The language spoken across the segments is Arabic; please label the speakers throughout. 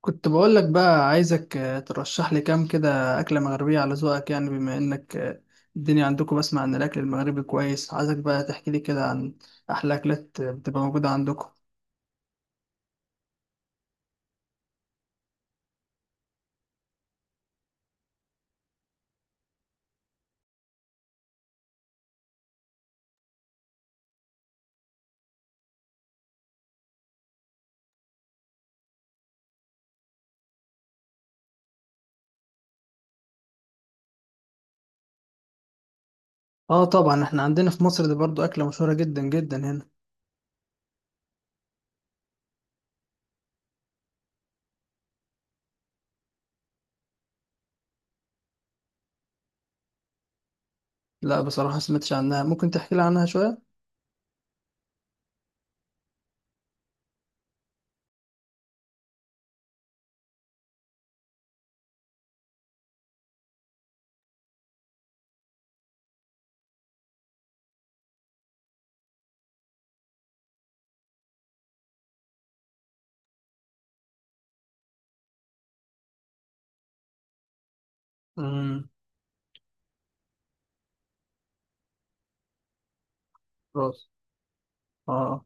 Speaker 1: كنت بقول لك بقى عايزك ترشح لي كام كده أكلة مغربية على ذوقك، يعني بما إنك الدنيا عندكم، بسمع إن الأكل المغربي كويس. عايزك بقى تحكي لي كده عن أحلى أكلات بتبقى موجودة عندكم. آه طبعا، إحنا عندنا في مصر دي برضو أكلة مشهورة جدا جدا هنا. لا بصراحة، سمعتش عنها، ممكن تحكي لي عنها شوية؟ امم. راس. آه.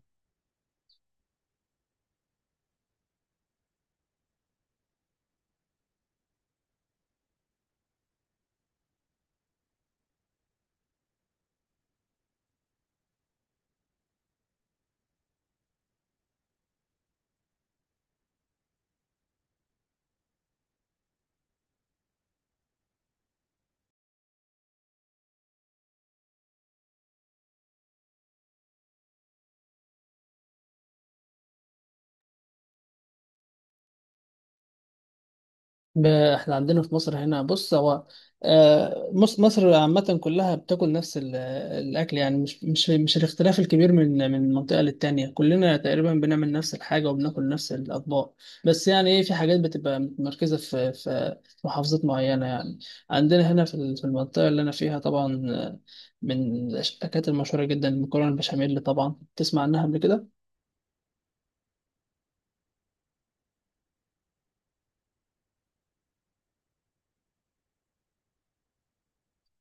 Speaker 1: احنا عندنا في مصر هنا، بص هو مصر عامة كلها بتاكل نفس الأكل، يعني مش الاختلاف الكبير من منطقة للتانية، كلنا تقريبا بنعمل نفس الحاجة وبناكل نفس الأطباق، بس يعني إيه، في حاجات بتبقى متمركزة في محافظات معينة يعني. عندنا هنا في المنطقة اللي أنا فيها، طبعا من الأكلات المشهورة جدا المكرونة البشاميل، طبعا تسمع عنها قبل كده.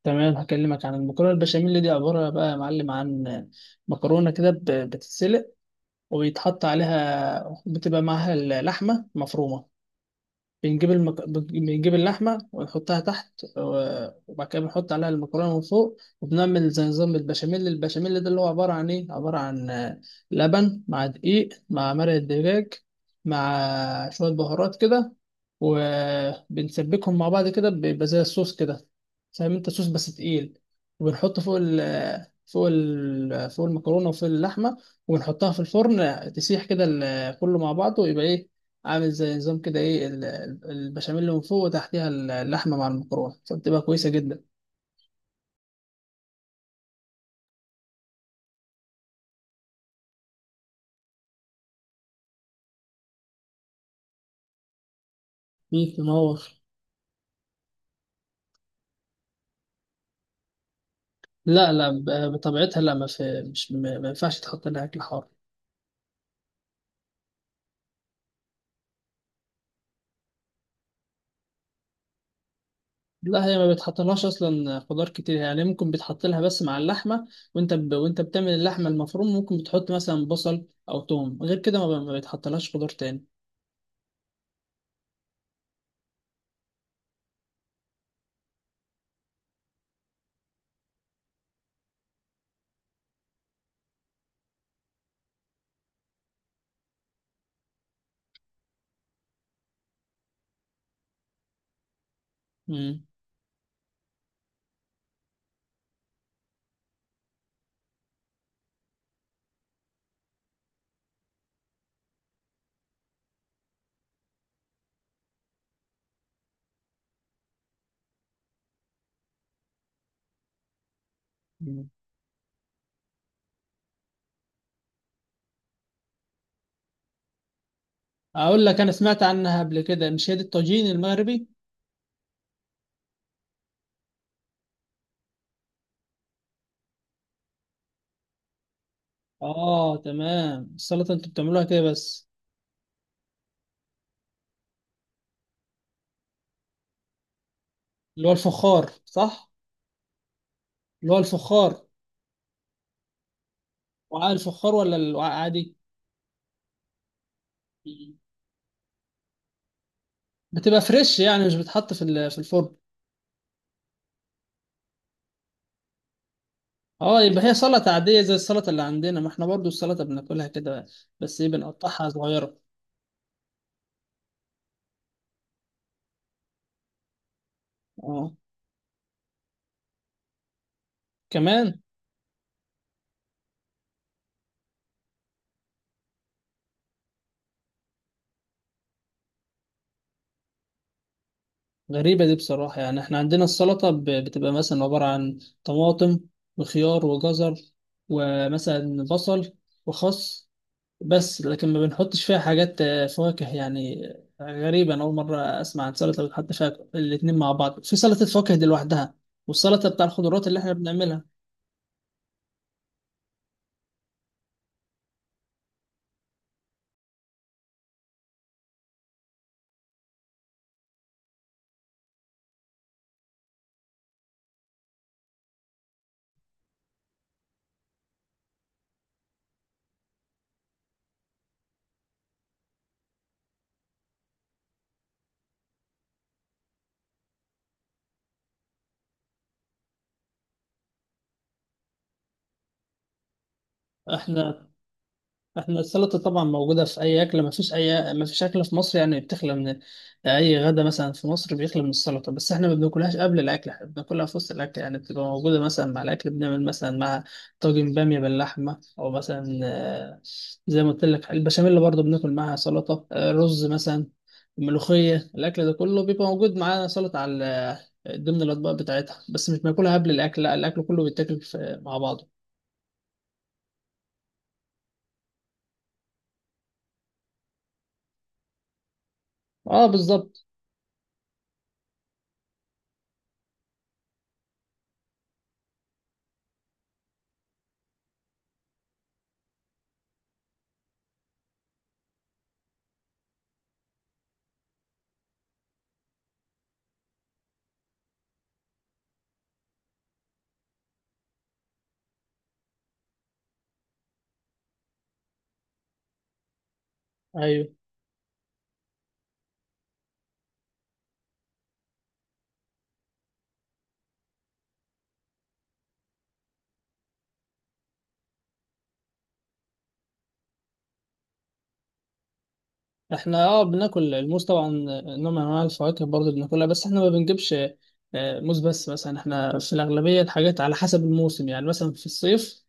Speaker 1: تمام، هكلمك عن المكرونة البشاميل. دي عبارة بقى يا معلم عن مكرونة كده بتتسلق، وبيتحط عليها، بتبقى معاها اللحمة مفرومة. بنجيب اللحمة ونحطها تحت، وبعد كده بنحط عليها المكرونة من فوق، وبنعمل زي نظام البشاميل. البشاميل ده اللي هو عبارة عن إيه؟ عبارة عن لبن مع دقيق مع مرق الدجاج، مع شوية بهارات كده، وبنسبكهم مع بعض كده، بيبقى زي الصوص كده، فاهم أنت؟ صوص بس تقيل، وبنحطه فوق المكرونة وفوق اللحمة، ونحطها في الفرن تسيح كده، كله مع بعضه، يبقى إيه، عامل زي نظام كده، ايه البشاميل اللي من فوق، وتحتيها اللحمه مع المكرونه، فبتبقى كويسه جدا. ميت تنور. لا لا، بطبيعتها لا، ما في، مش ما ينفعش تحط لها اكل حار. لا، هي ما بتحطلهاش اصلا خضار كتير، يعني ممكن بتحط لها بس مع اللحمه. وانت بتعمل اللحمه المفروم، ممكن بتحط مثلا بصل او توم، غير كده ما بتحطلهاش خضار تاني. امم. مم. اقول لك، انا سمعت عنها قبل كده، مش هي دي الطاجين المغربي؟ اه تمام، السلطه انتوا بتعملوها كده بس؟ اللي هو الفخار، صح؟ اللي هو الفخار. وعاء الفخار ولا الوعاء عادي؟ مم. بتبقى فريش، يعني مش بتحط في الفرن؟ اه، يبقى هي سلطة عادية زي السلطة اللي عندنا، ما احنا برضو السلطة بناكلها كده، بس ايه، بنقطعها صغيرة. اه. كمان. غريبة دي بصراحة، يعني احنا عندنا السلطة بتبقى مثلا عبارة عن طماطم وخيار وجزر ومثلا بصل وخس، بس لكن ما بنحطش فيها حاجات فواكه يعني. غريبة، أنا أول مرة أسمع عن سلطة بتحط فيها الاتنين مع بعض. في سلطة فواكه دي لوحدها، والسلطة بتاع الخضروات اللي إحنا بنعملها. إحنا احنا السلطة طبعا موجودة في أي أكلة، مفيش أي مفيش أكلة في مصر يعني بتخلى من، أي غدا مثلا في مصر بيخلى من السلطة. بس احنا ما بناكلهاش قبل الأكل، احنا بناكلها في وسط الأكل، يعني بتبقى موجودة مثلا مع الأكل. بنعمل مثلا مع طاجن بامية باللحمة، أو مثلا زي ما قلت لك البشاميل برضه بناكل معاها سلطة، رز مثلا، ملوخية، الأكل ده كله بيبقى موجود معانا سلطة على ضمن الأطباق بتاعتها، بس مش بناكلها قبل الأكل لا، الأكل كله بيتاكل مع بعضه. اه بالظبط. ايوه. احنا بناكل الموز طبعا، نوع من انواع الفواكه برضه بناكلها، بس احنا ما بنجيبش موز بس مثلا، احنا في الاغلبيه الحاجات على حسب الموسم، يعني مثلا في الصيف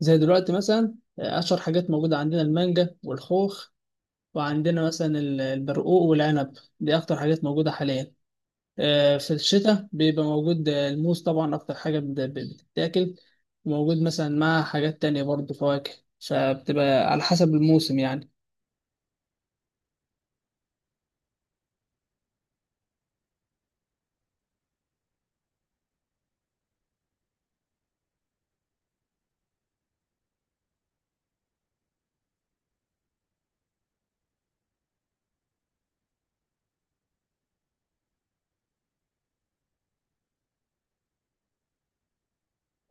Speaker 1: زي دلوقتي مثلا، اشهر حاجات موجوده عندنا المانجا والخوخ، وعندنا مثلا البرقوق والعنب. دي اكتر حاجات موجوده حاليا. في الشتاء بيبقى موجود الموز طبعا، اكتر حاجه بتتاكل، موجود مثلا مع حاجات تانية برضه فواكه، فبتبقى على حسب الموسم يعني.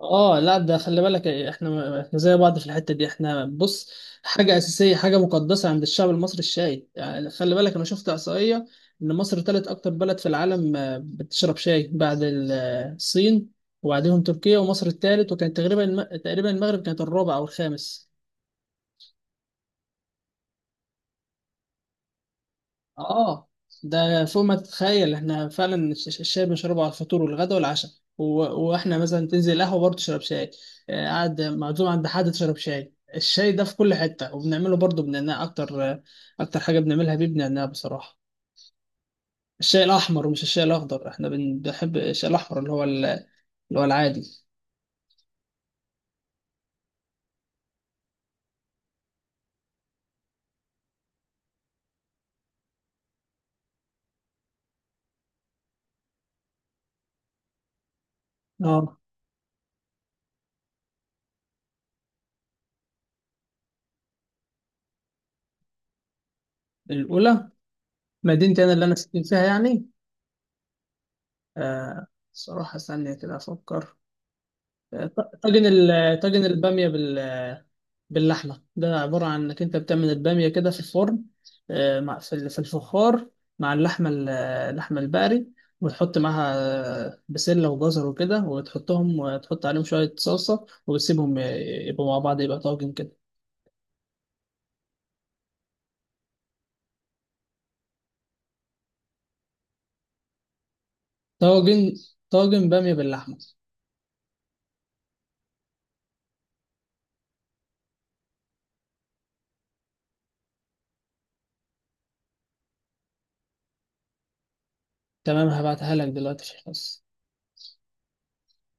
Speaker 1: اه لا، ده خلي بالك، احنا زي بعض في الحته دي. احنا بص، حاجه اساسيه، حاجه مقدسه عند الشعب المصري الشاي، يعني خلي بالك، انا شفت احصائيه ان مصر تالت اكتر بلد في العالم بتشرب شاي، بعد الصين، وبعدهم تركيا، ومصر التالت، وكانت تقريبا المغرب كانت الرابع او الخامس. اه، ده فوق ما تتخيل، احنا فعلا الشاي بنشربه على الفطور والغدا والعشاء، و- واحنا مثلا تنزل قهوه برضه تشرب شاي، قاعد معزوم عند حد تشرب شاي. الشاي ده في كل حته، وبنعمله برضه بنعناع اكتر، اكتر حاجه بنعملها بيه بنعناع بصراحه. الشاي الاحمر ومش الشاي الاخضر، احنا بنحب الشاي الاحمر اللي هو العادي. اه. الاولى. مدينتي انا اللي انا ساكن فيها يعني. آه صراحه، ثانيه كده افكر. طاجن الباميه باللحمه، ده عباره عن انك انت بتعمل الباميه كده في الفرن، مع في الفخار، مع اللحمه البقري، وتحط معاها بسله وجزر وكده، وتحطهم وتحط عليهم شويه صلصه، وتسيبهم يبقوا مع بعض، يبقى طاجن كده. طاجن طاجن باميه باللحمه. تمام، هبعتها لك دلوقتي في الخاص.